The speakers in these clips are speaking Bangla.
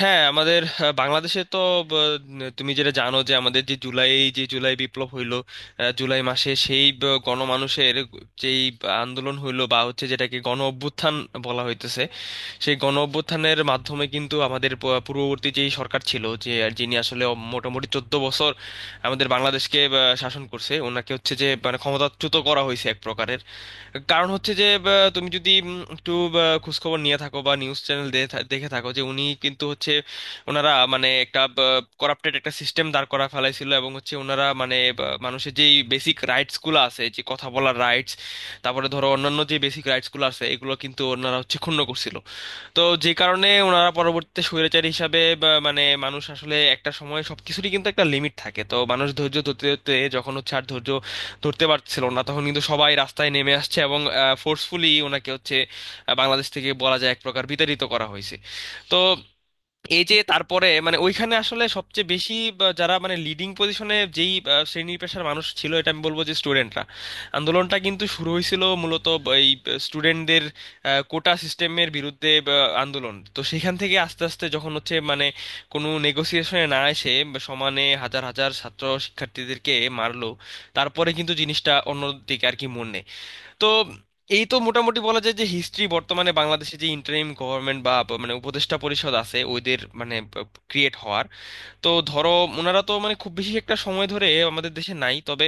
হ্যাঁ, আমাদের বাংলাদেশে তো ব, তুমি যেটা জানো, যে আমাদের যে জুলাই বিপ্লব হইলো, জুলাই মাসে সেই গণমানুষের যেই আন্দোলন হইলো বা হচ্ছে, যেটাকে গণ অভ্যুত্থান বলা হইতেছে। সেই গণ অভ্যুত্থানের মাধ্যমে কিন্তু আমাদের পূর্ববর্তী যেই সরকার ছিল, যে যিনি আসলে মোটামুটি 14 বছর আমাদের বাংলাদেশকে শাসন করছে, ওনাকে হচ্ছে যে মানে ক্ষমতাচ্যুত করা হয়েছে এক প্রকারের। কারণ হচ্ছে যে তুমি যদি একটু খোঁজখবর নিয়ে থাকো বা নিউজ চ্যানেল দেখে থাকো, যে উনি কিন্তু হচ্ছে ওনারা মানে একটা করাপ্টেড একটা সিস্টেম দাঁড় করা ফেলাইছিল, এবং হচ্ছে ওনারা মানে মানুষের যেই বেসিক রাইটস গুলো আছে, যে কথা বলার রাইটস, তারপরে ধরো অন্যান্য যে বেসিক রাইটস গুলো আছে, এগুলো কিন্তু ওনারা হচ্ছে ক্ষুণ্ণ করছিল। তো যে কারণে ওনারা পরবর্তীতে স্বৈরাচারী হিসাবে বা মানে মানুষ আসলে একটা সময় সবকিছুরই কিন্তু একটা লিমিট থাকে, তো মানুষ ধৈর্য ধরতে ধরতে যখন হচ্ছে আর ধৈর্য ধরতে পারছিল না, তখন কিন্তু সবাই রাস্তায় নেমে আসছে এবং ফোর্সফুলি ওনাকে হচ্ছে বাংলাদেশ থেকে বলা যায় এক প্রকার বিতাড়িত করা হয়েছে। তো এই যে তারপরে মানে ওইখানে আসলে সবচেয়ে বেশি বা যারা মানে লিডিং পজিশনে, যেই শ্রেণী পেশার মানুষ ছিল, এটা আমি বলবো যে স্টুডেন্টরা। আন্দোলনটা কিন্তু শুরু হয়েছিল মূলত এই স্টুডেন্টদের কোটা সিস্টেমের বিরুদ্ধে বা, আন্দোলন। তো সেখান থেকে আস্তে আস্তে যখন হচ্ছে মানে কোনো নেগোসিয়েশনে না এসে বা সমানে হাজার হাজার ছাত্র শিক্ষার্থীদেরকে মারলো, তারপরে কিন্তু জিনিসটা অন্যদিকে আর কি মন নেয়। তো এই তো মোটামুটি বলা যায় যে হিস্ট্রি। বর্তমানে বাংলাদেশে যে ইন্টারিম গভর্নমেন্ট বা মানে উপদেষ্টা পরিষদ আছে, ওদের মানে ক্রিয়েট হওয়ার। তো ধরো, ওনারা তো মানে খুব বেশি একটা সময় ধরে আমাদের দেশে নাই, তবে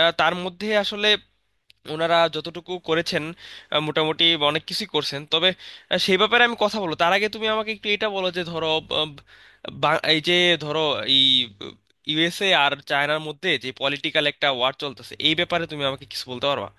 তার মধ্যে আসলে ওনারা যতটুকু করেছেন মোটামুটি অনেক কিছুই করছেন। তবে সেই ব্যাপারে আমি কথা বলবো, তার আগে তুমি আমাকে একটু এটা বলো যে ধরো আহ, এই যে ধরো এই ইউএসএ আর চায়নার মধ্যে যে পলিটিক্যাল একটা ওয়ার চলতেছে, এই ব্যাপারে তুমি আমাকে কিছু বলতে পারবা?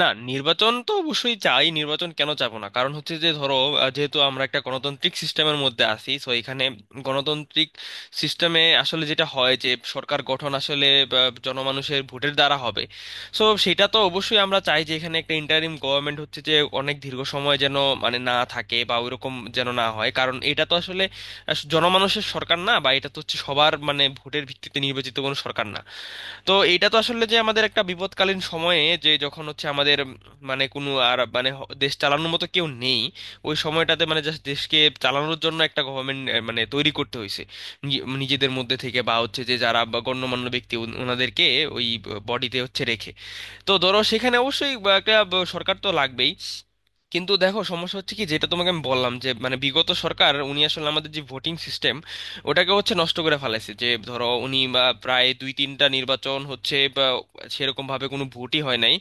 না, নির্বাচন তো অবশ্যই চাই। নির্বাচন কেন চাবো না? কারণ হচ্ছে যে ধরো যেহেতু আমরা একটা গণতান্ত্রিক সিস্টেমের মধ্যে আছি, সো এখানে গণতান্ত্রিক সিস্টেমে আসলে যেটা হয় যে সরকার গঠন আসলে জনমানুষের ভোটের দ্বারা হবে। সো সেটা তো অবশ্যই আমরা চাই যে এখানে একটা ইন্টারিম গভর্নমেন্ট হচ্ছে যে অনেক দীর্ঘ সময় যেন মানে না থাকে বা ওইরকম যেন না হয়, কারণ এটা তো আসলে জনমানুষের সরকার না, বা এটা তো হচ্ছে সবার মানে ভোটের ভিত্তিতে নির্বাচিত কোনো সরকার না। তো এইটা তো আসলে যে আমাদের একটা বিপদকালীন সময়ে যে যখন হচ্ছে আমাদের মানে কোনো আর মানে দেশ চালানোর মতো কেউ নেই, ওই সময়টাতে মানে জাস্ট দেশকে চালানোর জন্য একটা গভর্নমেন্ট মানে তৈরি করতে হয়েছে নিজেদের মধ্যে থেকে, বা হচ্ছে যে যারা বা গণ্যমান্য ব্যক্তি ওনাদেরকে ওই বডিতে হচ্ছে রেখে। তো ধরো সেখানে অবশ্যই বা একটা সরকার তো লাগবেই। কিন্তু দেখো সমস্যা হচ্ছে কি, যেটা তোমাকে আমি বললাম যে মানে বিগত সরকার উনি আসলে আমাদের যে ভোটিং সিস্টেম, ওটাকে হচ্ছে নষ্ট করে ফেলাইছে। যে ধরো উনি বা প্রায় দুই তিনটা নির্বাচন হচ্ছে বা সেরকম ভাবে কোনো ভোটই হয় নাই।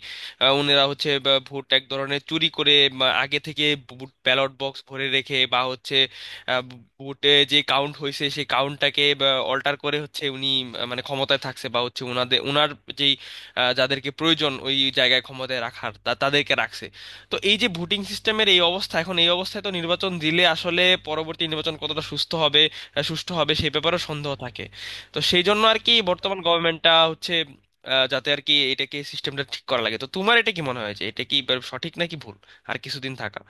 উনারা হচ্ছে বা ভোট এক ধরনের চুরি করে বা আগে থেকে ভোট ব্যালট বক্স ভরে রেখে বা হচ্ছে আহ, ভোটে যে কাউন্ট হয়েছে সেই কাউন্টটাকে অল্টার করে হচ্ছে উনি মানে ক্ষমতায় থাকছে। বা হচ্ছে উনাদের উনার যেই যাদেরকে প্রয়োজন ওই জায়গায় ক্ষমতায় রাখার, তাদেরকে রাখছে। তো এই যে ভোটিং সিস্টেমের এই অবস্থা, এখন এই অবস্থায় তো নির্বাচন দিলে আসলে পরবর্তী নির্বাচন কতটা সুস্থ হবে সুষ্ঠু হবে সেই ব্যাপারেও সন্দেহ থাকে। তো সেই জন্য আর কি বর্তমান গভর্নমেন্টটা হচ্ছে যাতে আর কি এটাকে সিস্টেমটা ঠিক করা লাগে। তো তোমার এটা কি মনে হয় যে এটা কি সঠিক নাকি ভুল আর কিছুদিন থাকা?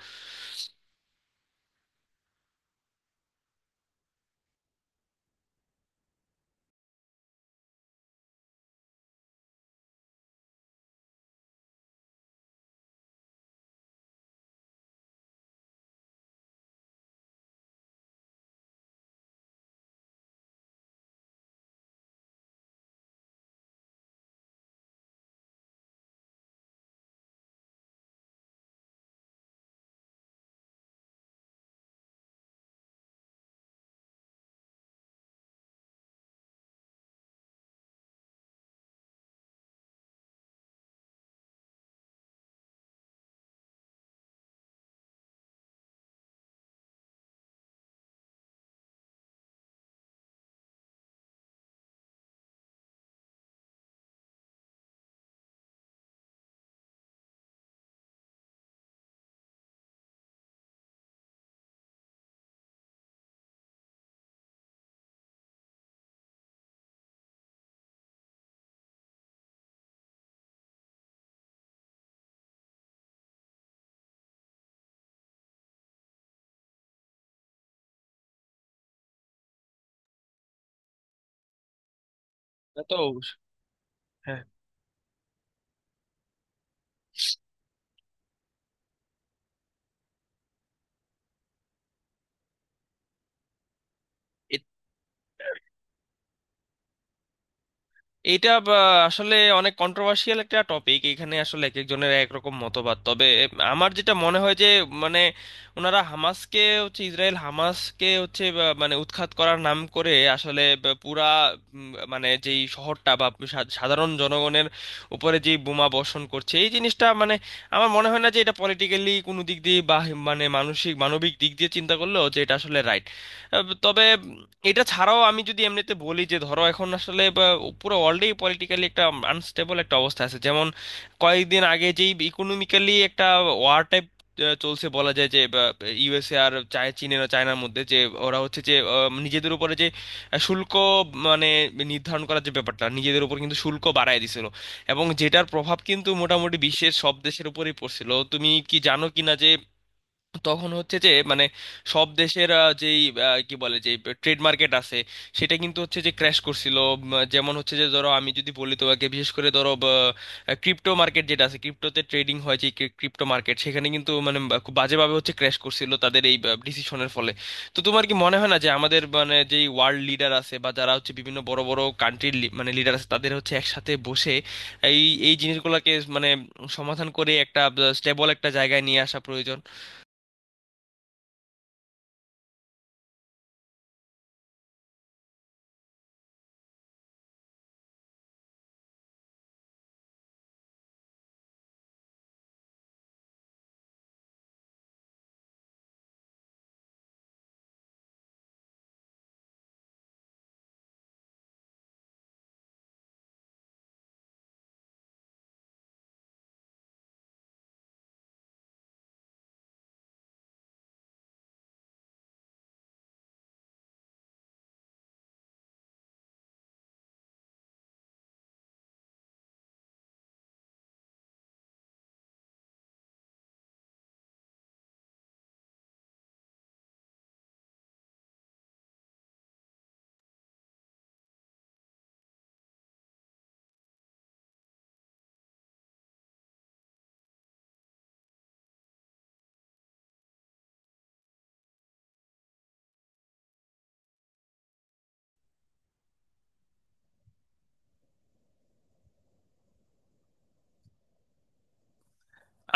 এটা তো হ্যাঁ। এইটা বা আসলে অনেক কন্ট্রোভার্সিয়াল একটা টপিক। এখানে আসলে এক একজনের এক রকম মতবাদ। তবে আমার যেটা মনে হয় যে মানে ওনারা হামাসকে হচ্ছে ইসরায়েল হামাসকে হচ্ছে বা মানে উৎখাত করার নাম করে আসলে বা পুরা মানে যেই শহরটা বা সাধারণ জনগণের উপরে যে বোমা বর্ষণ করছে, এই জিনিসটা মানে আমার মনে হয় না যে এটা পলিটিক্যালি কোনো দিক দিয়ে বা মানে মানসিক মানবিক দিক দিয়ে চিন্তা করলেও যে এটা আসলে রাইট। তবে এটা ছাড়াও আমি যদি এমনিতে বলি যে ধরো এখন আসলে বা পুরো ওয়ার্ল্ডেই পলিটিক্যালি একটা আনস্টেবল একটা অবস্থা আছে। যেমন কয়েকদিন আগে যেই ইকোনমিক্যালি একটা ওয়ার টাইপ চলছে বলা যায় যে ইউএসএ আর চায় চীনের আর চায়নার মধ্যে যে ওরা হচ্ছে যে নিজেদের উপরে যে শুল্ক মানে নির্ধারণ করার যে ব্যাপারটা, নিজেদের উপর কিন্তু শুল্ক বাড়ায় দিছিল, এবং যেটার প্রভাব কিন্তু মোটামুটি বিশ্বের সব দেশের উপরেই পড়ছিল। তুমি কি জানো কিনা যে তখন হচ্ছে যে মানে সব দেশের যেই কি বলে যে ট্রেড মার্কেট আছে, সেটা কিন্তু হচ্ছে যে ক্র্যাশ করছিল। যেমন হচ্ছে যে ধরো আমি যদি বলি তোমাকে, বিশেষ করে ধরো ক্রিপ্টো মার্কেট যেটা আছে, ক্রিপ্টোতে ট্রেডিং হয় যে ক্রিপ্টো মার্কেট, সেখানে কিন্তু মানে খুব বাজেভাবে হচ্ছে ক্র্যাশ করছিল তাদের এই ডিসিশনের ফলে। তো তোমার কি মনে হয় না যে আমাদের মানে যেই ওয়ার্ল্ড লিডার আছে বা যারা হচ্ছে বিভিন্ন বড় বড় কান্ট্রির মানে লিডার আছে, তাদের হচ্ছে একসাথে বসে এই এই জিনিসগুলোকে মানে সমাধান করে একটা স্টেবল একটা জায়গায় নিয়ে আসা প্রয়োজন?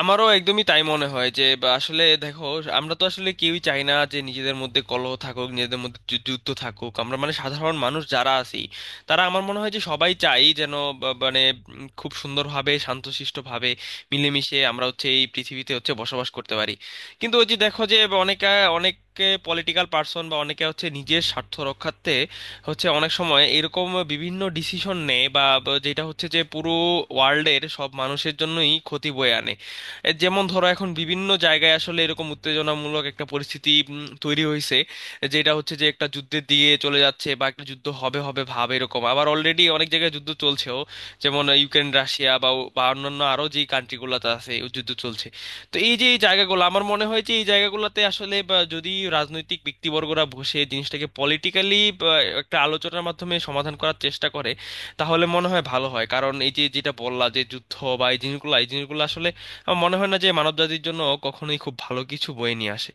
আমারও একদমই তাই মনে হয় যে বা আসলে দেখো আমরা তো আসলে কেউই চাই না যে নিজেদের মধ্যে কলহ থাকুক, নিজেদের মধ্যে যুদ্ধ থাকুক। আমরা মানে সাধারণ মানুষ যারা আছি, তারা আমার মনে হয় যে সবাই চাই যেন মানে খুব সুন্দরভাবে শান্তশিষ্টভাবে মিলেমিশে আমরা হচ্ছে এই পৃথিবীতে হচ্ছে বসবাস করতে পারি। কিন্তু ওই যে দেখো যে অনেকে অনেকে পলিটিক্যাল পার্সন বা অনেকে হচ্ছে নিজের স্বার্থ রক্ষার্থে হচ্ছে অনেক সময় এরকম বিভিন্ন ডিসিশন নেয় বা বা যেটা হচ্ছে যে পুরো ওয়ার্ল্ডের সব মানুষের জন্যই ক্ষতি বয়ে আনে। যেমন ধরো এখন বিভিন্ন জায়গায় আসলে এরকম উত্তেজনামূলক একটা পরিস্থিতি তৈরি হয়েছে, যেটা হচ্ছে যে একটা যুদ্ধের দিকে চলে যাচ্ছে বা একটা যুদ্ধ হবে হবে ভাব এরকম, আবার অলরেডি অনেক জায়গায় যুদ্ধ চলছেও। যেমন ইউক্রেন রাশিয়া বা ও- বা অন্যান্য আরো যে কান্ট্রিগুলোতে আছে ও যুদ্ধ চলছে। তো এই যে এই জায়গাগুলো, আমার মনে হয় যে এই জায়গাগুলোতে আসলে বা, যদি রাজনৈতিক ব্যক্তিবর্গরা বসে জিনিসটাকে পলিটিক্যালি একটা আলোচনার মাধ্যমে সমাধান করার চেষ্টা করে তাহলে মনে হয় ভালো হয়। কারণ এই যে যেটা বললা, যে যুদ্ধ বা এই জিনিসগুলো, এই জিনিসগুলো আসলে আমার মনে হয় না যে মানবজাতির জন্য কখনোই খুব ভালো কিছু বয়ে নিয়ে আসে।